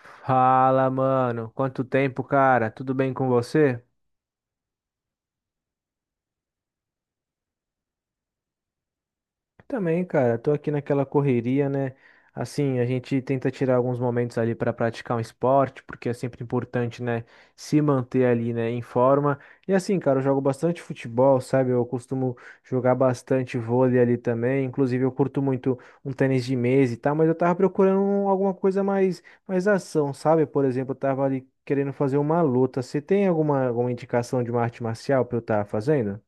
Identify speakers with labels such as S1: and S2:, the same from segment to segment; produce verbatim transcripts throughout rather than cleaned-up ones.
S1: Fala, mano. Quanto tempo, cara? Tudo bem com você? Também, cara, tô aqui naquela correria, né? Assim, a gente tenta tirar alguns momentos ali para praticar um esporte, porque é sempre importante, né, se manter ali, né, em forma. E assim, cara, eu jogo bastante futebol, sabe? Eu costumo jogar bastante vôlei ali também. Inclusive, eu curto muito um tênis de mesa e tal, mas eu tava procurando um- alguma coisa mais, mais ação, sabe? Por exemplo, eu tava ali querendo fazer uma luta. Você tem alguma, alguma indicação de uma arte marcial pra eu estar fazendo?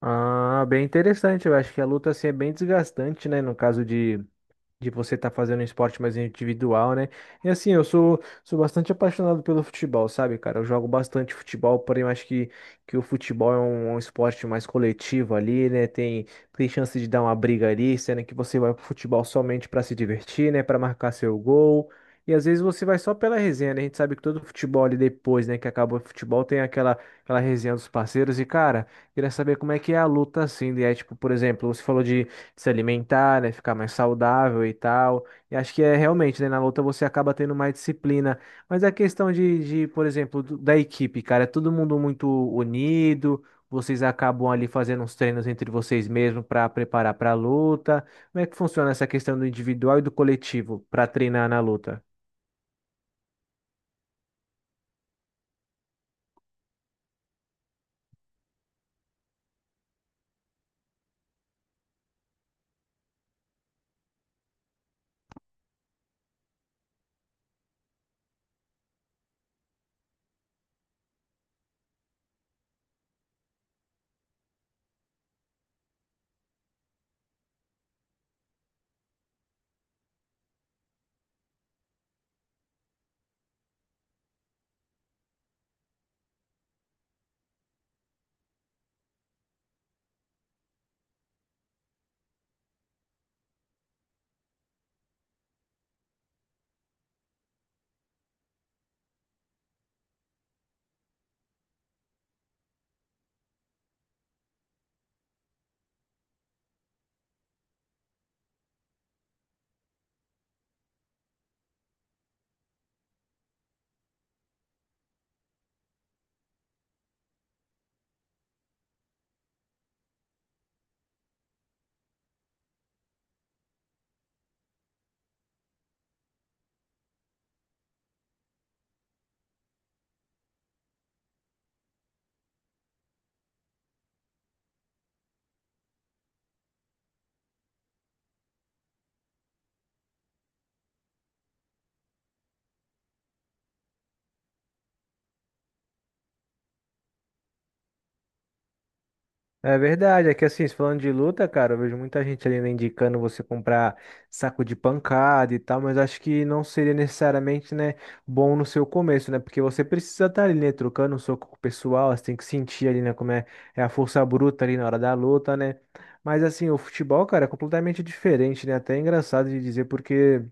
S1: Ah, bem interessante. Eu acho que a luta assim é bem desgastante, né? No caso de de você estar fazendo um esporte mais individual, né? E assim, eu sou, sou bastante apaixonado pelo futebol, sabe, cara? Eu jogo bastante futebol, porém eu acho que, que o futebol é um, um esporte mais coletivo ali, né? Tem, tem chance de dar uma briga ali, sendo que você vai pro futebol somente para se divertir, né? Para marcar seu gol. E às vezes você vai só pela resenha, né? A gente sabe que todo futebol ali depois, né, que acabou o futebol, tem aquela, aquela resenha dos parceiros. E, cara, queria saber como é que é a luta assim, né? Tipo, por exemplo, você falou de, se alimentar, né, ficar mais saudável e tal. E acho que é realmente, né, na luta você acaba tendo mais disciplina. Mas a questão de, de, por exemplo, do- da equipe, cara, é todo mundo muito unido. Vocês acabam ali fazendo uns treinos entre vocês mesmos para preparar para a luta. Como é que funciona essa questão do individual e do coletivo para treinar na luta? É verdade, é que assim, falando de luta, cara, eu vejo muita gente ali né, indicando você comprar saco de pancada e tal, mas acho que não seria necessariamente, né, bom no seu começo, né? Porque você precisa estar ali, né, trocando um soco com o pessoal, você tem que sentir ali, né, como é, é a força bruta ali na hora da luta, né? Mas assim, o futebol, cara, é completamente diferente, né? Até é engraçado de dizer, porque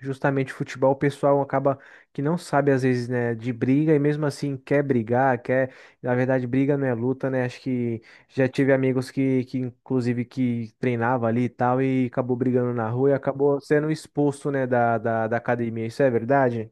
S1: justamente futebol, o pessoal acaba que não sabe às vezes, né, de briga e mesmo assim quer brigar, quer, na verdade, briga não é luta, né? Acho que já tive amigos que, que inclusive, que treinava ali e tal e acabou brigando na rua e acabou sendo expulso, né, da, da, da academia. Isso é verdade?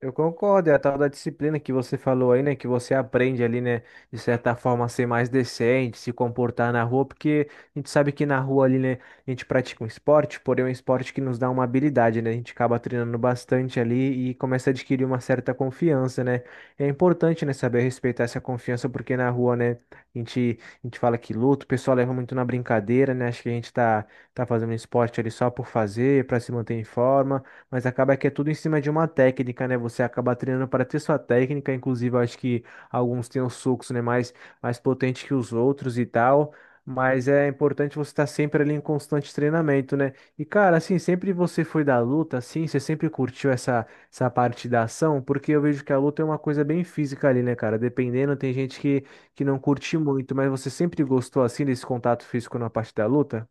S1: Eu concordo, é a tal da disciplina que você falou aí, né? Que você aprende ali, né? De certa forma, a ser mais decente, se comportar na rua, porque a gente sabe que na rua ali, né? A gente pratica um esporte, porém é um esporte que nos dá uma habilidade, né? A gente acaba treinando bastante ali e começa a adquirir uma certa confiança, né? É importante, né? Saber respeitar essa confiança, porque na rua, né? A gente, a gente fala que luta, o pessoal leva muito na brincadeira, né? Acho que a gente tá, tá fazendo esporte ali só por fazer, pra se manter em forma. Mas acaba que é tudo em cima de uma técnica, né? Você acaba treinando para ter sua técnica, inclusive eu acho que alguns têm os socos, né, mais mais potente que os outros e tal. Mas é importante você estar sempre ali em constante treinamento, né? E cara, assim, sempre você foi da luta, assim, você sempre curtiu essa essa parte da ação, porque eu vejo que a luta é uma coisa bem física ali, né, cara? Dependendo, tem gente que que não curte muito, mas você sempre gostou assim desse contato físico na parte da luta?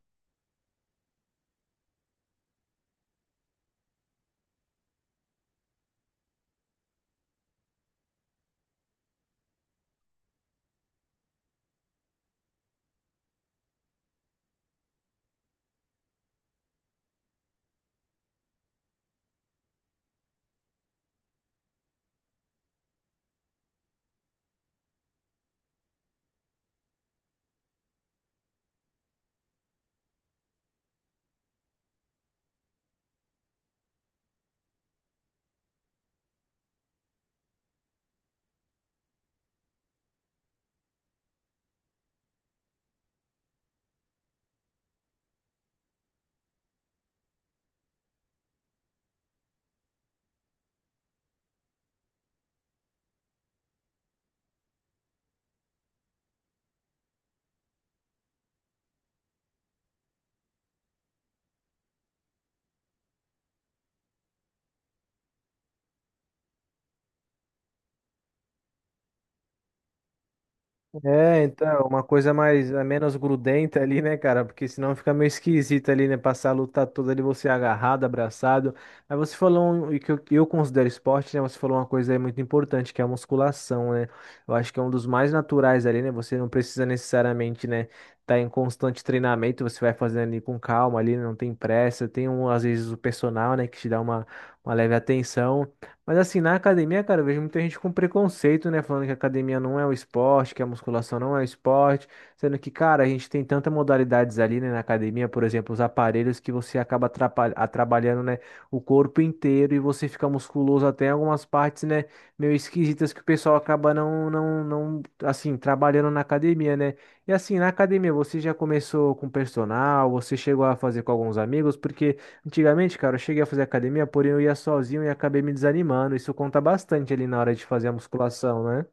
S1: É, então, uma coisa mais, é menos grudenta ali, né, cara? Porque senão fica meio esquisito ali, né? Passar a luta toda ali, você agarrado, abraçado. Aí você falou, um- e que eu, eu considero esporte, né? Você falou uma coisa aí muito importante, que é a musculação, né? Eu acho que é um dos mais naturais ali, né? Você não precisa necessariamente, né, tá em constante treinamento, você vai fazendo ali com calma ali, não tem pressa. Tem um, às vezes o personal, né, que te dá uma, uma leve atenção. Mas assim, na academia, cara, eu vejo muita gente com preconceito, né? Falando que a academia não é o esporte, que a musculação não é o esporte. Sendo que, cara, a gente tem tantas modalidades ali, né, na academia, por exemplo, os aparelhos que você acaba atrapa- a- trabalhando, né, o corpo inteiro e você fica musculoso até em algumas partes, né, meio esquisitas que o pessoal acaba não, não, não, assim, trabalhando na academia, né? E assim, na academia, você já começou com personal, você chegou a fazer com alguns amigos, porque. Antigamente, cara, eu cheguei a fazer academia, porém eu ia sozinho e acabei me desanimando. Isso conta bastante ali na hora de fazer a musculação, né?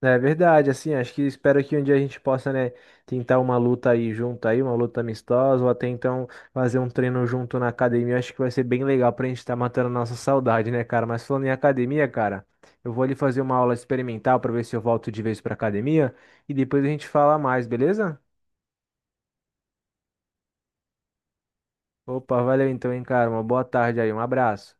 S1: É verdade, assim, acho que espero que um dia a gente possa, né, tentar uma luta aí junto aí, uma luta amistosa, ou até então fazer um treino junto na academia. Acho que vai ser bem legal pra gente estar matando a nossa saudade, né, cara? Mas falando em academia, cara, eu vou ali fazer uma aula experimental pra ver se eu volto de vez pra academia e depois a gente fala mais, beleza? Opa, valeu então, hein, cara. Uma boa tarde aí, um abraço.